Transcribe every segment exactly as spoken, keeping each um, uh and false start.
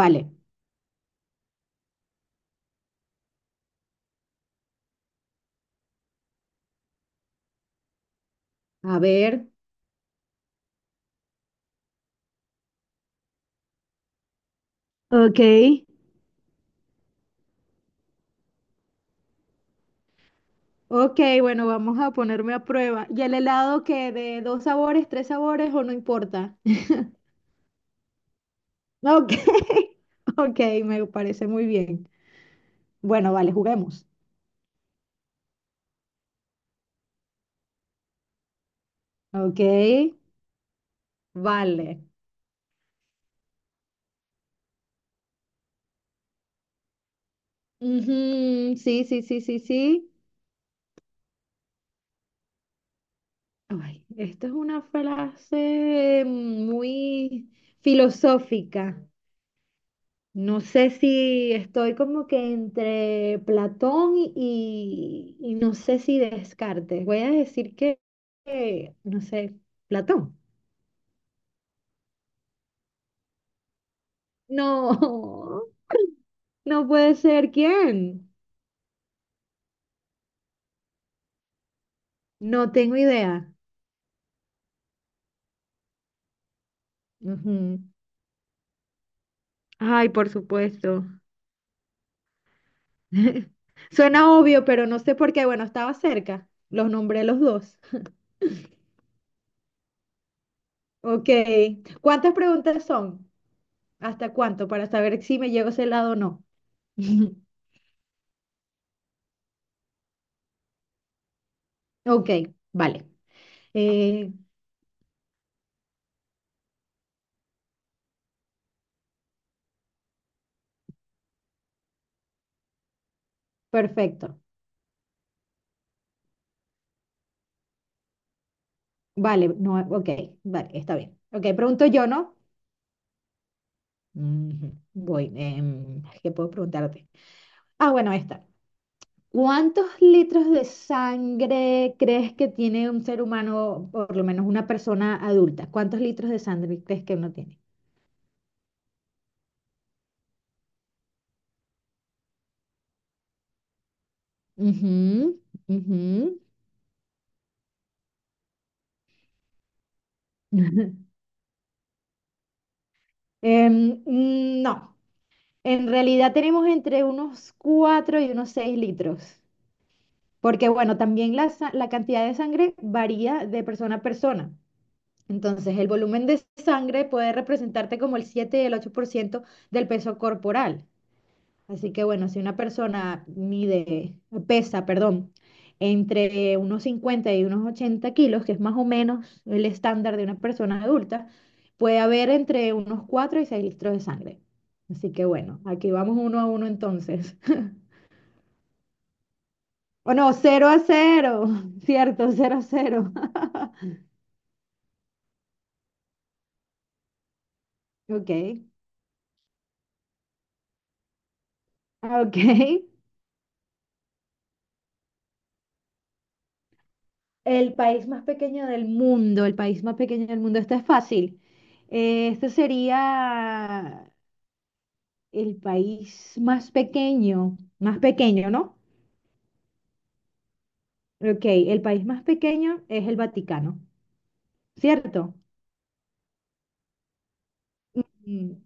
Vale, a ver. Ok. Ok, bueno, vamos a ponerme a prueba. ¿Y el helado que de dos sabores, tres sabores o no importa? Ok, ok, me parece muy bien. Bueno, vale, juguemos. Ok, vale. Ujú, sí, sí, sí, sí, sí. Ay, esta es una frase muy filosófica. No sé si estoy como que entre Platón y, y no sé si Descartes. Voy a decir que, que, no sé, Platón. No, no puede ser. ¿Quién? No tengo idea. Ujú. Ay, por supuesto. Suena obvio, pero no sé por qué. Bueno, estaba cerca. Los nombré los dos. Ok. ¿Cuántas preguntas son? ¿Hasta cuánto? Para saber si me llego a ese lado o no. Ok, vale. Eh, Perfecto. Vale, no, ok, vale, está bien. Ok, pregunto yo, ¿no? Ujú, voy, em, ¿qué puedo preguntarte? Ah, bueno, esta. ¿Cuántos litros de sangre crees que tiene un ser humano, por lo menos una persona adulta? ¿Cuántos litros de sangre crees que uno tiene? Ujú, ujú. Em, mm, no, en realidad tenemos entre unos cuatro y unos seis litros. Porque bueno, también la, sa- la cantidad de sangre varía de persona a persona. Entonces, el volumen de sangre puede representarte como el siete y el ocho por ciento del peso corporal. Así que bueno, si una persona mide, pesa, perdón, entre unos cincuenta y unos ochenta kilos, que es más o menos el estándar de una persona adulta, puede haber entre unos cuatro y seis litros de sangre. Así que bueno, aquí vamos uno a uno entonces. O no, cero a cero. Cierto, cero a cero. Ok, ok. El país más pequeño del mundo, el país más pequeño del mundo, esto es fácil. Eh, este sería el país más pequeño, más pequeño, ¿no? Ok, el país más pequeño es el Vaticano, ¿cierto? Mm,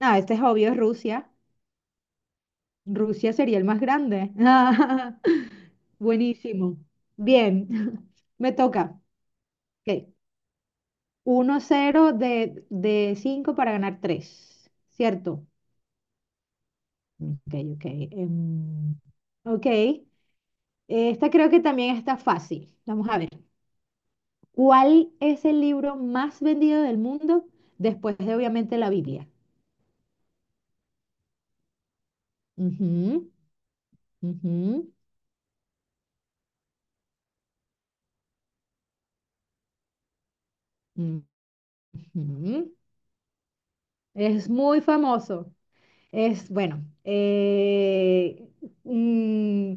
Ah, este es obvio, es Rusia. Rusia sería el más grande. Buenísimo. Bien, me toca. Ok. Uno cero de, de cinco para ganar tres, ¿cierto? Ok, ok. em, ok, esta creo que también está fácil. Vamos a ver. ¿Cuál es el libro más vendido del mundo después de, obviamente, la Biblia? Ujú, ujú, ujú. Es muy famoso. Es, bueno, eh, mm,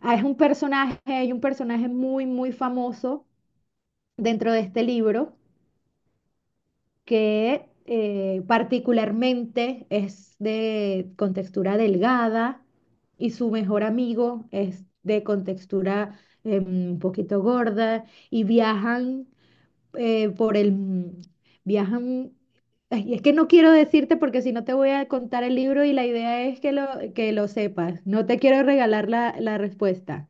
Ah, Es un personaje, hay un personaje muy, muy famoso dentro de este libro que eh, particularmente es de contextura delgada y su mejor amigo es de contextura eh, un poquito gorda y viajan eh, por el... viajan... ay, es que no quiero decirte porque si no te voy a contar el libro y la idea es que lo, que lo sepas. No te quiero regalar la, la respuesta.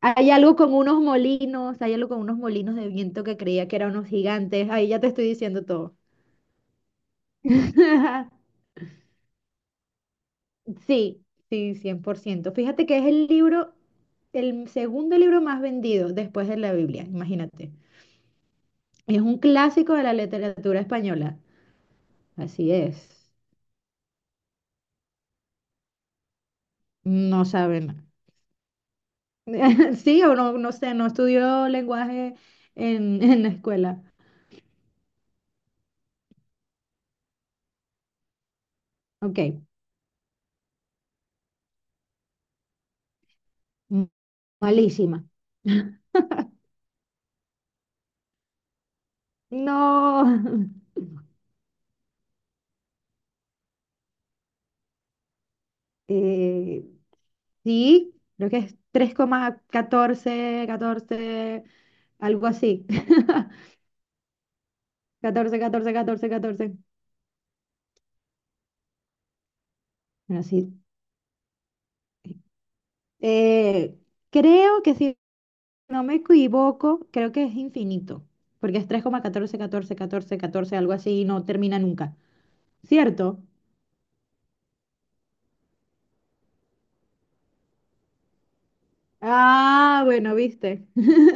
Hay algo con unos molinos, hay algo con unos molinos de viento que creía que eran unos gigantes. Ahí ya te estoy diciendo todo. Sí, sí, cien por ciento. Fíjate que es el libro, el segundo libro más vendido después de la Biblia, imagínate. Es un clásico de la literatura española. Así es. No saben. Sí, o no, no sé, no estudió lenguaje en, en la escuela. Ok. m- Malísima. No. Eh, Sí, creo que es tres coma catorce, catorce, algo así. Catorce, catorce, catorce, catorce. Bueno, sí. Eh, Creo que si no me equivoco, creo que es infinito, porque es tres coma catorce, catorce, catorce, catorce, algo así y no termina nunca. ¿Cierto? Ah, bueno, viste.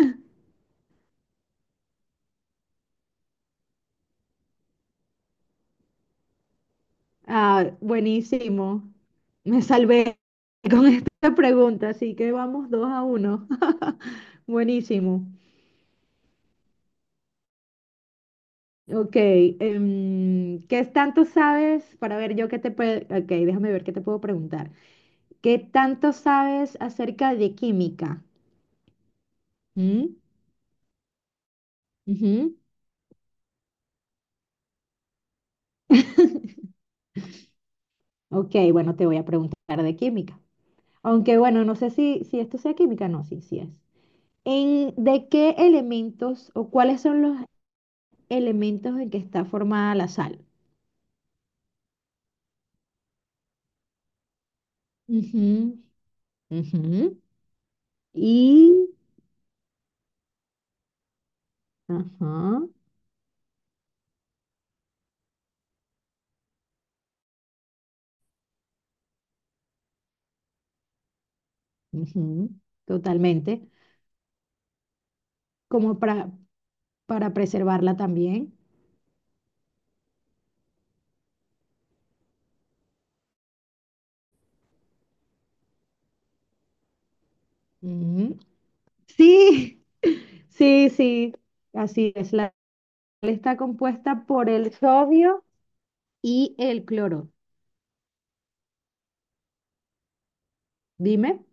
Ah, buenísimo. Me salvé con esta pregunta, así que vamos dos a uno. Buenísimo. Ok, em, ¿qué tanto sabes? Para ver yo qué te puedo... Ok, déjame ver qué te puedo preguntar. ¿Qué tanto sabes acerca de química? ¿Mm? Ujú. Ok, bueno, te voy a preguntar de química. Aunque bueno, no sé si, si esto sea química, no, sí, sí es. ¿En, de qué elementos o cuáles son los elementos en que está formada la sal? Ujú, ujú. Y, ajá, ujú, totalmente. Como para, para preservarla también. Mm, Sí, sí, sí, así es. La sal está compuesta por el sodio y el cloro. Dime.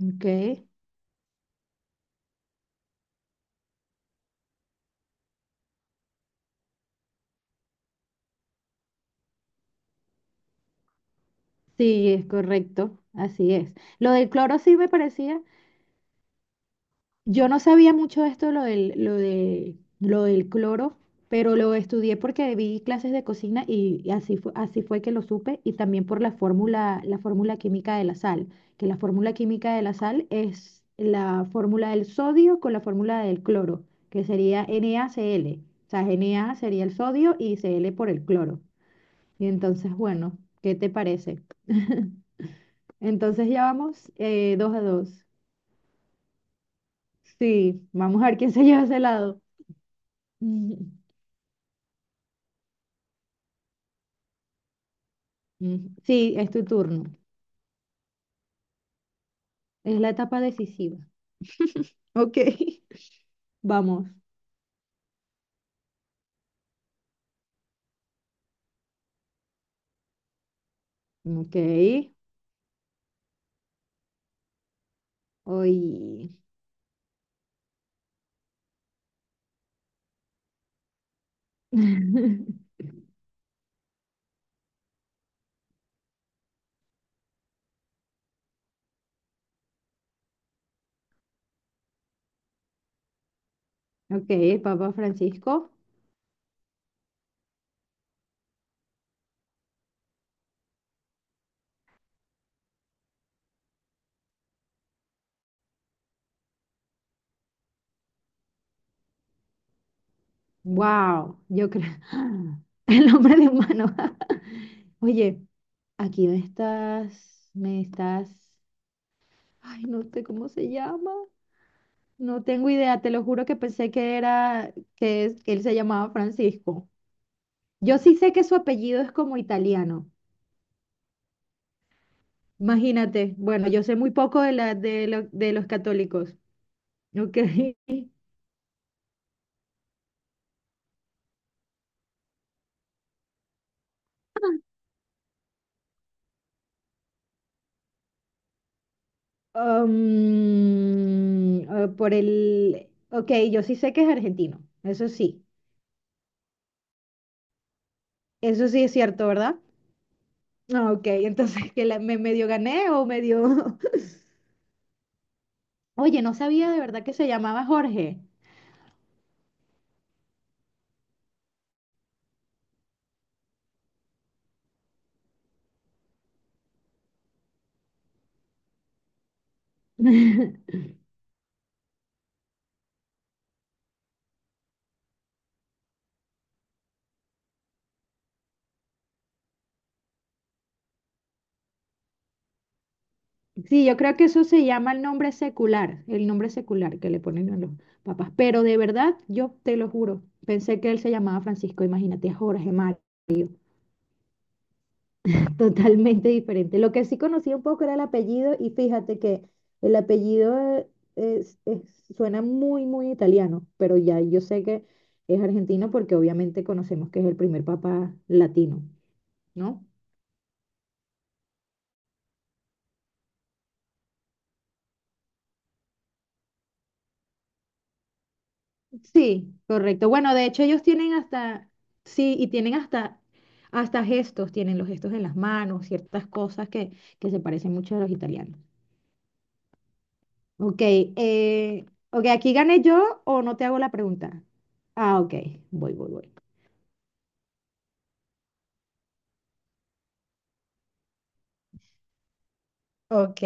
Ok. Sí, es correcto, así es. Lo del cloro sí me parecía. Yo no sabía mucho de esto, lo del, lo de, lo del cloro, pero lo estudié porque vi clases de cocina y, y así fue, así fue que lo supe, y también por la fórmula, la fórmula química de la sal, que la fórmula química de la sal es la fórmula del sodio con la fórmula del cloro, que sería NaCl. O sea, Na sería el sodio y Cl por el cloro. Y entonces, bueno, ¿qué te parece? Entonces ya vamos eh, dos a dos. Sí, vamos a ver quién se lleva ese lado. Ujú. Sí, es tu turno. Es la etapa decisiva. Ok. Vamos. Ok. Hoy. Ok, el Papa Francisco. Wow, yo creo. El hombre de humano. Oye, aquí me estás. Me estás. Ay, no sé cómo se llama. No tengo idea. Te lo juro que pensé que era que, es- que él se llamaba Francisco. Yo sí sé que su apellido es como italiano. Imagínate, bueno, yo sé muy poco de, la, de, lo- de los católicos, ¿ok? Um, eh, por el, ok, yo sí sé que es argentino, eso sí, eso sí es cierto, ¿verdad? Ah, ok, entonces que la- me medio gané o medio... Oye, no sabía de verdad que se llamaba Jorge. Sí, yo creo que eso se llama el nombre secular, el nombre secular que le ponen a los papás, pero de verdad, yo te lo juro, pensé que él se llamaba Francisco, imagínate, Jorge, totalmente diferente. Lo que sí conocía un poco era el apellido y fíjate que el apellido eh, es- es- suena muy, muy italiano, pero ya yo sé que es argentino porque obviamente conocemos que es el primer papa latino, ¿no? Sí, correcto. Bueno, de hecho ellos tienen hasta, sí, y tienen hasta, hasta gestos, tienen los gestos en las manos, ciertas cosas que, que se parecen mucho a los italianos. Ok, eh, ok, aquí gané yo o no te hago la pregunta. Ah, ok, voy, voy, voy. Ok,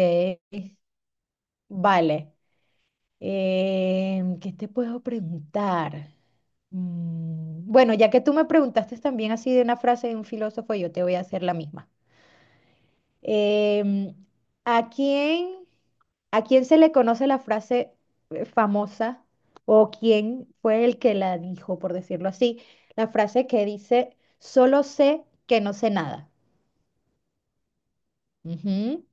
vale. Em, ¿qué te puedo preguntar? Mm, bueno, ya que tú me preguntaste también así de una frase de un filósofo, yo te voy a hacer la misma. Em, ¿A quién, a quién se le conoce la frase eh, famosa o quién fue el que la dijo, por decirlo así? La frase que dice, solo sé que no sé nada. Ujú.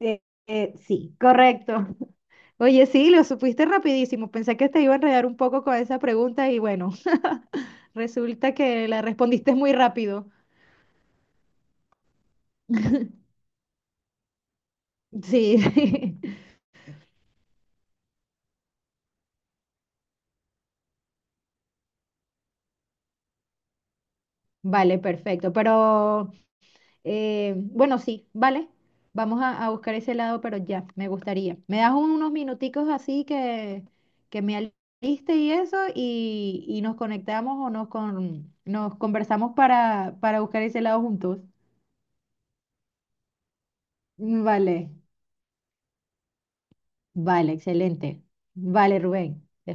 Eh, eh, sí, correcto. Oye, sí, lo supiste rapidísimo. Pensé que te iba a enredar un poco con esa pregunta y bueno, resulta que la respondiste muy rápido. Sí, vale, perfecto. Pero eh, bueno, sí, vale. Vamos a, a buscar ese lado, pero ya, me gustaría. Me das unos minuticos así que, que me aliste y eso y, y nos conectamos o nos, con, nos conversamos para, para buscar ese lado juntos. Vale. Vale, excelente. Vale, Rubén.